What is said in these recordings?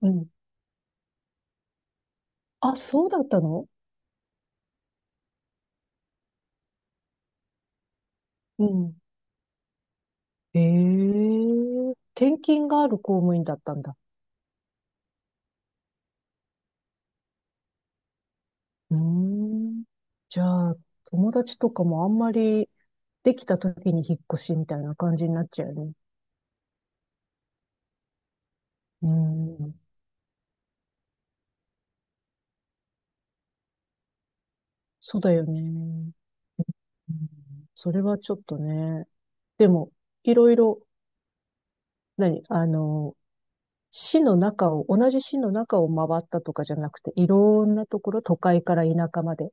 うん。あ、そうだったの？うん。ええ転勤がある公務員だったんだ。うーん。じゃあ、友達とかもあんまりできた時に引っ越しみたいな感じになっちゃうよね。うーん。そうだよね。うん、それはちょっとね。でも、いろいろ、何あの、市の中を、同じ市の中を回ったとかじゃなくて、いろんなところ、都会から田舎まで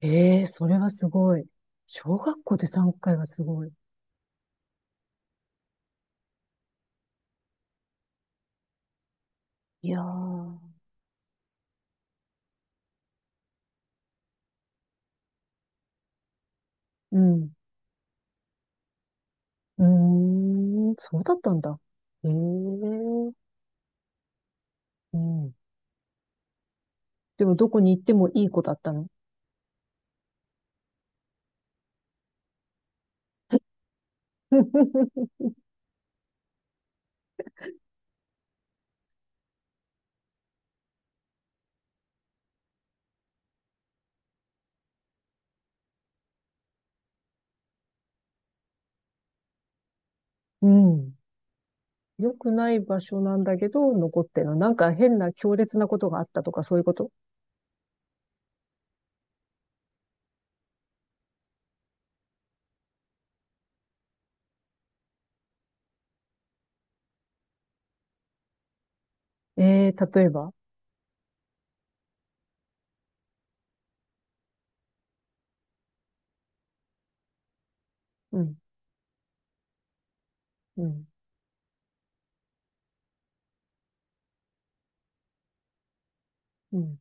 ええ、それはすごい。小学校で3回はすごい。いやー、うん。うーん、そうだったんだ。ええ、うん。でも、どこに行ってもいい子だったの？ うん。良くない場所なんだけど、残ってるの。なんか変な強烈なことがあったとか、そういうこと？ええー、例えば？うん、うん、うん。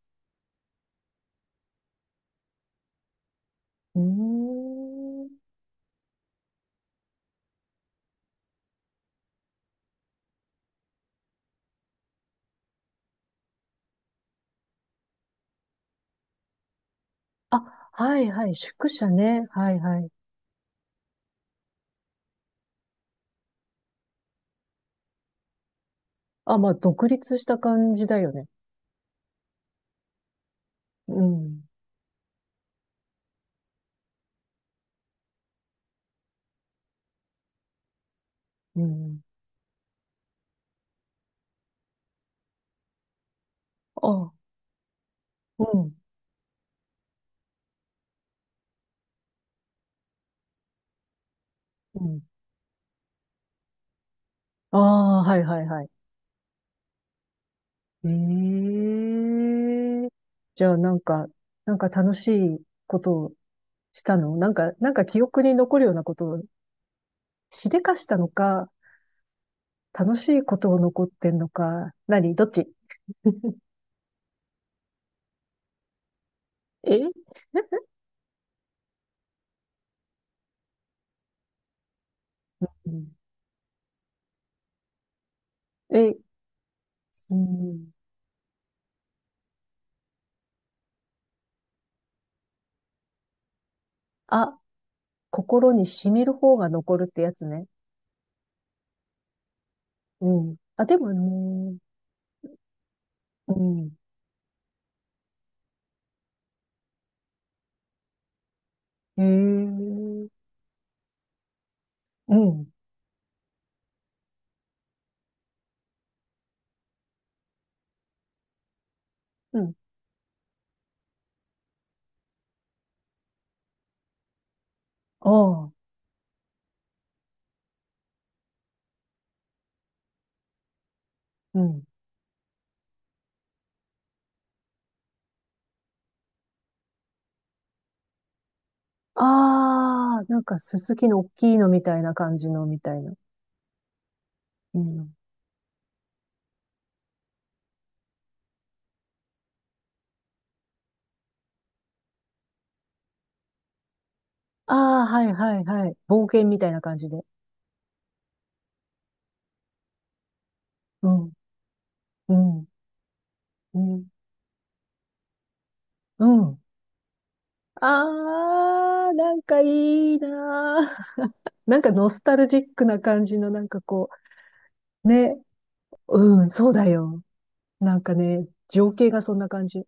うーん。あ、はいはい、宿舎ね。はいはい。あ、まあ、独立した感じだよね。うん。うん。あ、うん、うん。ああ、はいはいはい。ええ、じゃあなんか、なんか楽しいことをしたのなんか、なんか記憶に残るようなことをしでかしたのか、楽しいことを残ってんのか、何どっち？え、うん、え、うん。あ、心に染みる方が残るってやつね。うん。あ、でもね、うん。ええ、うん。うん。ああ。うん。ああ、なんかすすきの大きいのみたいな感じのみたいな。うん。ああ、はいはいはい。冒険みたいな感じで。うん、うん、うん、うん。ああ、なんかいいなー。なんかノスタルジックな感じの、なんかこう、ね。うん、そうだよ。なんかね、情景がそんな感じ。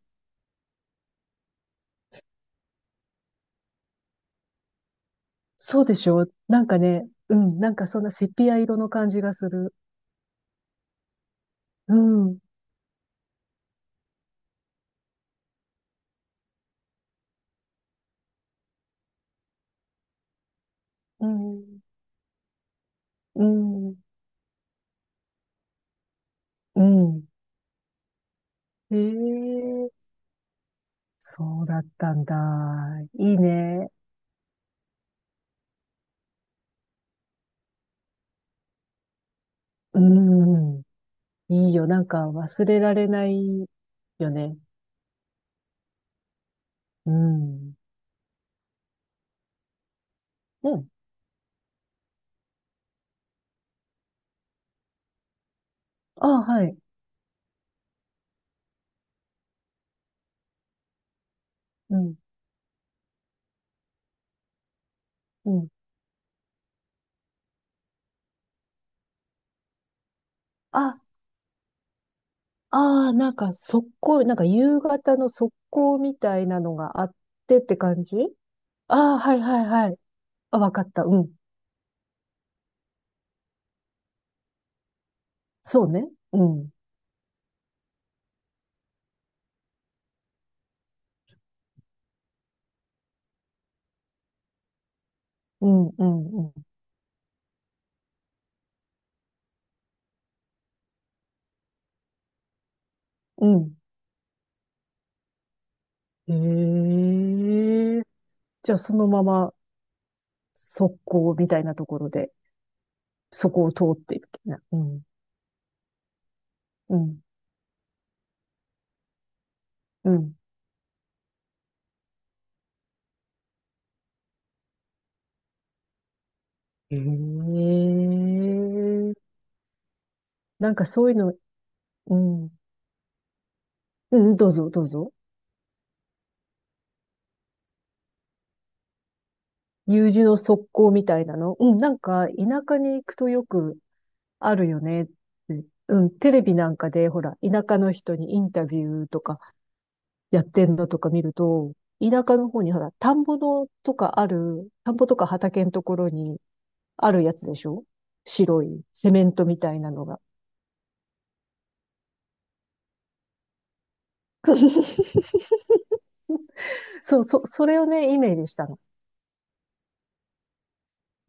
そうでしょ？なんかね、うん、なんかそんなセピア色の感じがする。うん、うん、うん、うん。ええ、そうだったんだ。いいね。うん。いいよ。なんか忘れられないよね。うん。うん。ああ、はい。うん。うん。あ、ああ、なんか速攻、なんか夕方の速攻みたいなのがあってって感じ。ああ、はいはいはい。あ、わかった。うん。そうね。うん。うん、うん、うん。うん。ええ、じゃあそのまま速攻みたいなところで、そこを通っていくみたいな。うん。うん、うん。ええ、なんかそういうの、うん、うん、どうぞ、どうぞ。U 字の側溝みたいなの。うん、なんか田舎に行くとよくあるよねって。うん、テレビなんかで、ほら、田舎の人にインタビューとかやってんのとか見ると、田舎の方にほら、田んぼのとかある、田んぼとか畑のところにあるやつでしょ？白いセメントみたいなのが。そう、それをね、イメージしたの。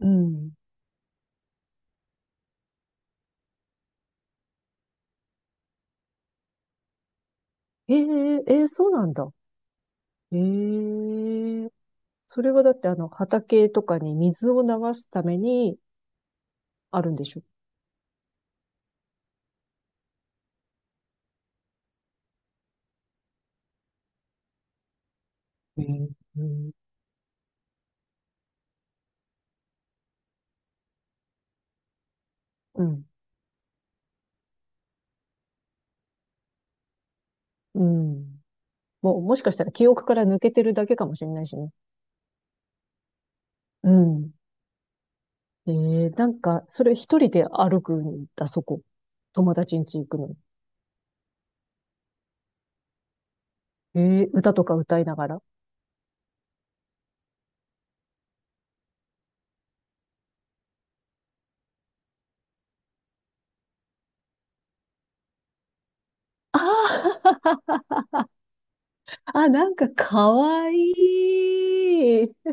うん。ええええ、そうなんだ。ええ、それはだって畑とかに水を流すためにあるんでしょ？え、うん、うん。うん。もう、もしかしたら記憶から抜けてるだけかもしれないしね。うん。ええ、なんか、それ一人で歩くんだ、そこ？友達ん家行くのに。ええ、歌とか歌いながら？あーあ、なんかかわいい。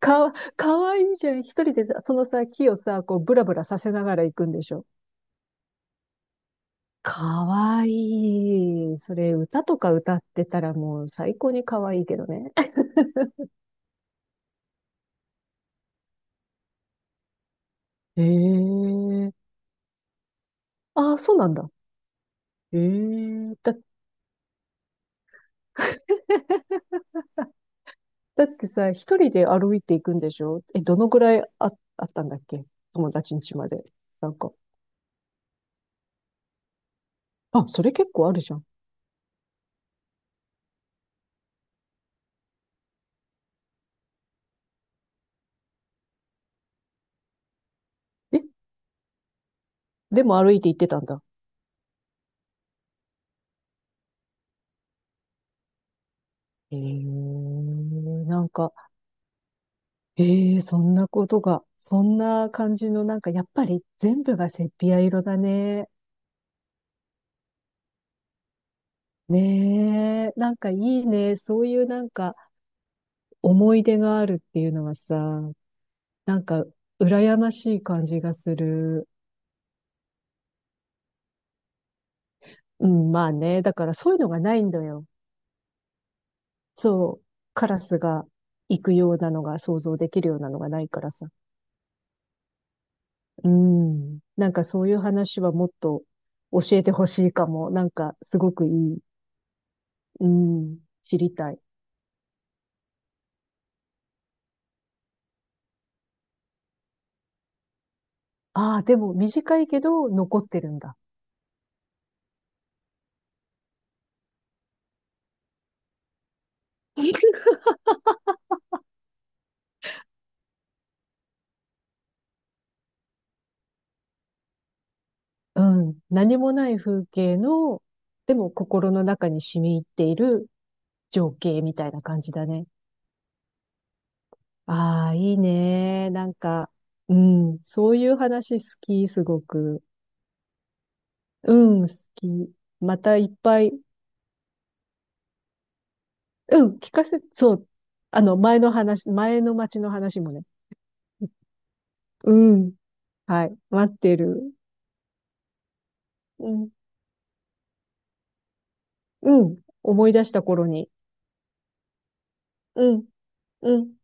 かわいいじゃん。一人でさそのさ、木をさ、こう、ブラブラさせながら行くんでしょ？かわいい。それ、歌とか歌ってたらもう最高にかわいいけどね。ええ、ああ、そうなんだ。ええ、だってさ、一人で歩いていくんでしょ？え、どのぐらいあったんだっけ、友達ん家まで？なんか、あ、それ結構あるじゃん。え、でも歩いて行ってたんだ。ええ、なんか、ええ、そんなことが、そんな感じの、なんかやっぱり全部がセピア色だね。ねえ、なんかいいね。そういうなんか思い出があるっていうのはさ、なんか羨ましい感じがする。うん、まあね。だからそういうのがないんだよ。そう。カラスが行くようなのが想像できるようなのがないからさ。うん。なんかそういう話はもっと教えてほしいかも。なんかすごくいい。うん。知りたい。ああ、でも短いけど残ってるんだ。うん。何もない風景の、でも心の中に染み入っている情景みたいな感じだね。ああ、いいね。なんか、うん。そういう話好き、すごく。うん、好き。またいっぱい。うん、聞かせ、そう。前の町の話もね。うん。はい。待ってる。うん。うん。思い出した頃に。うん。うん。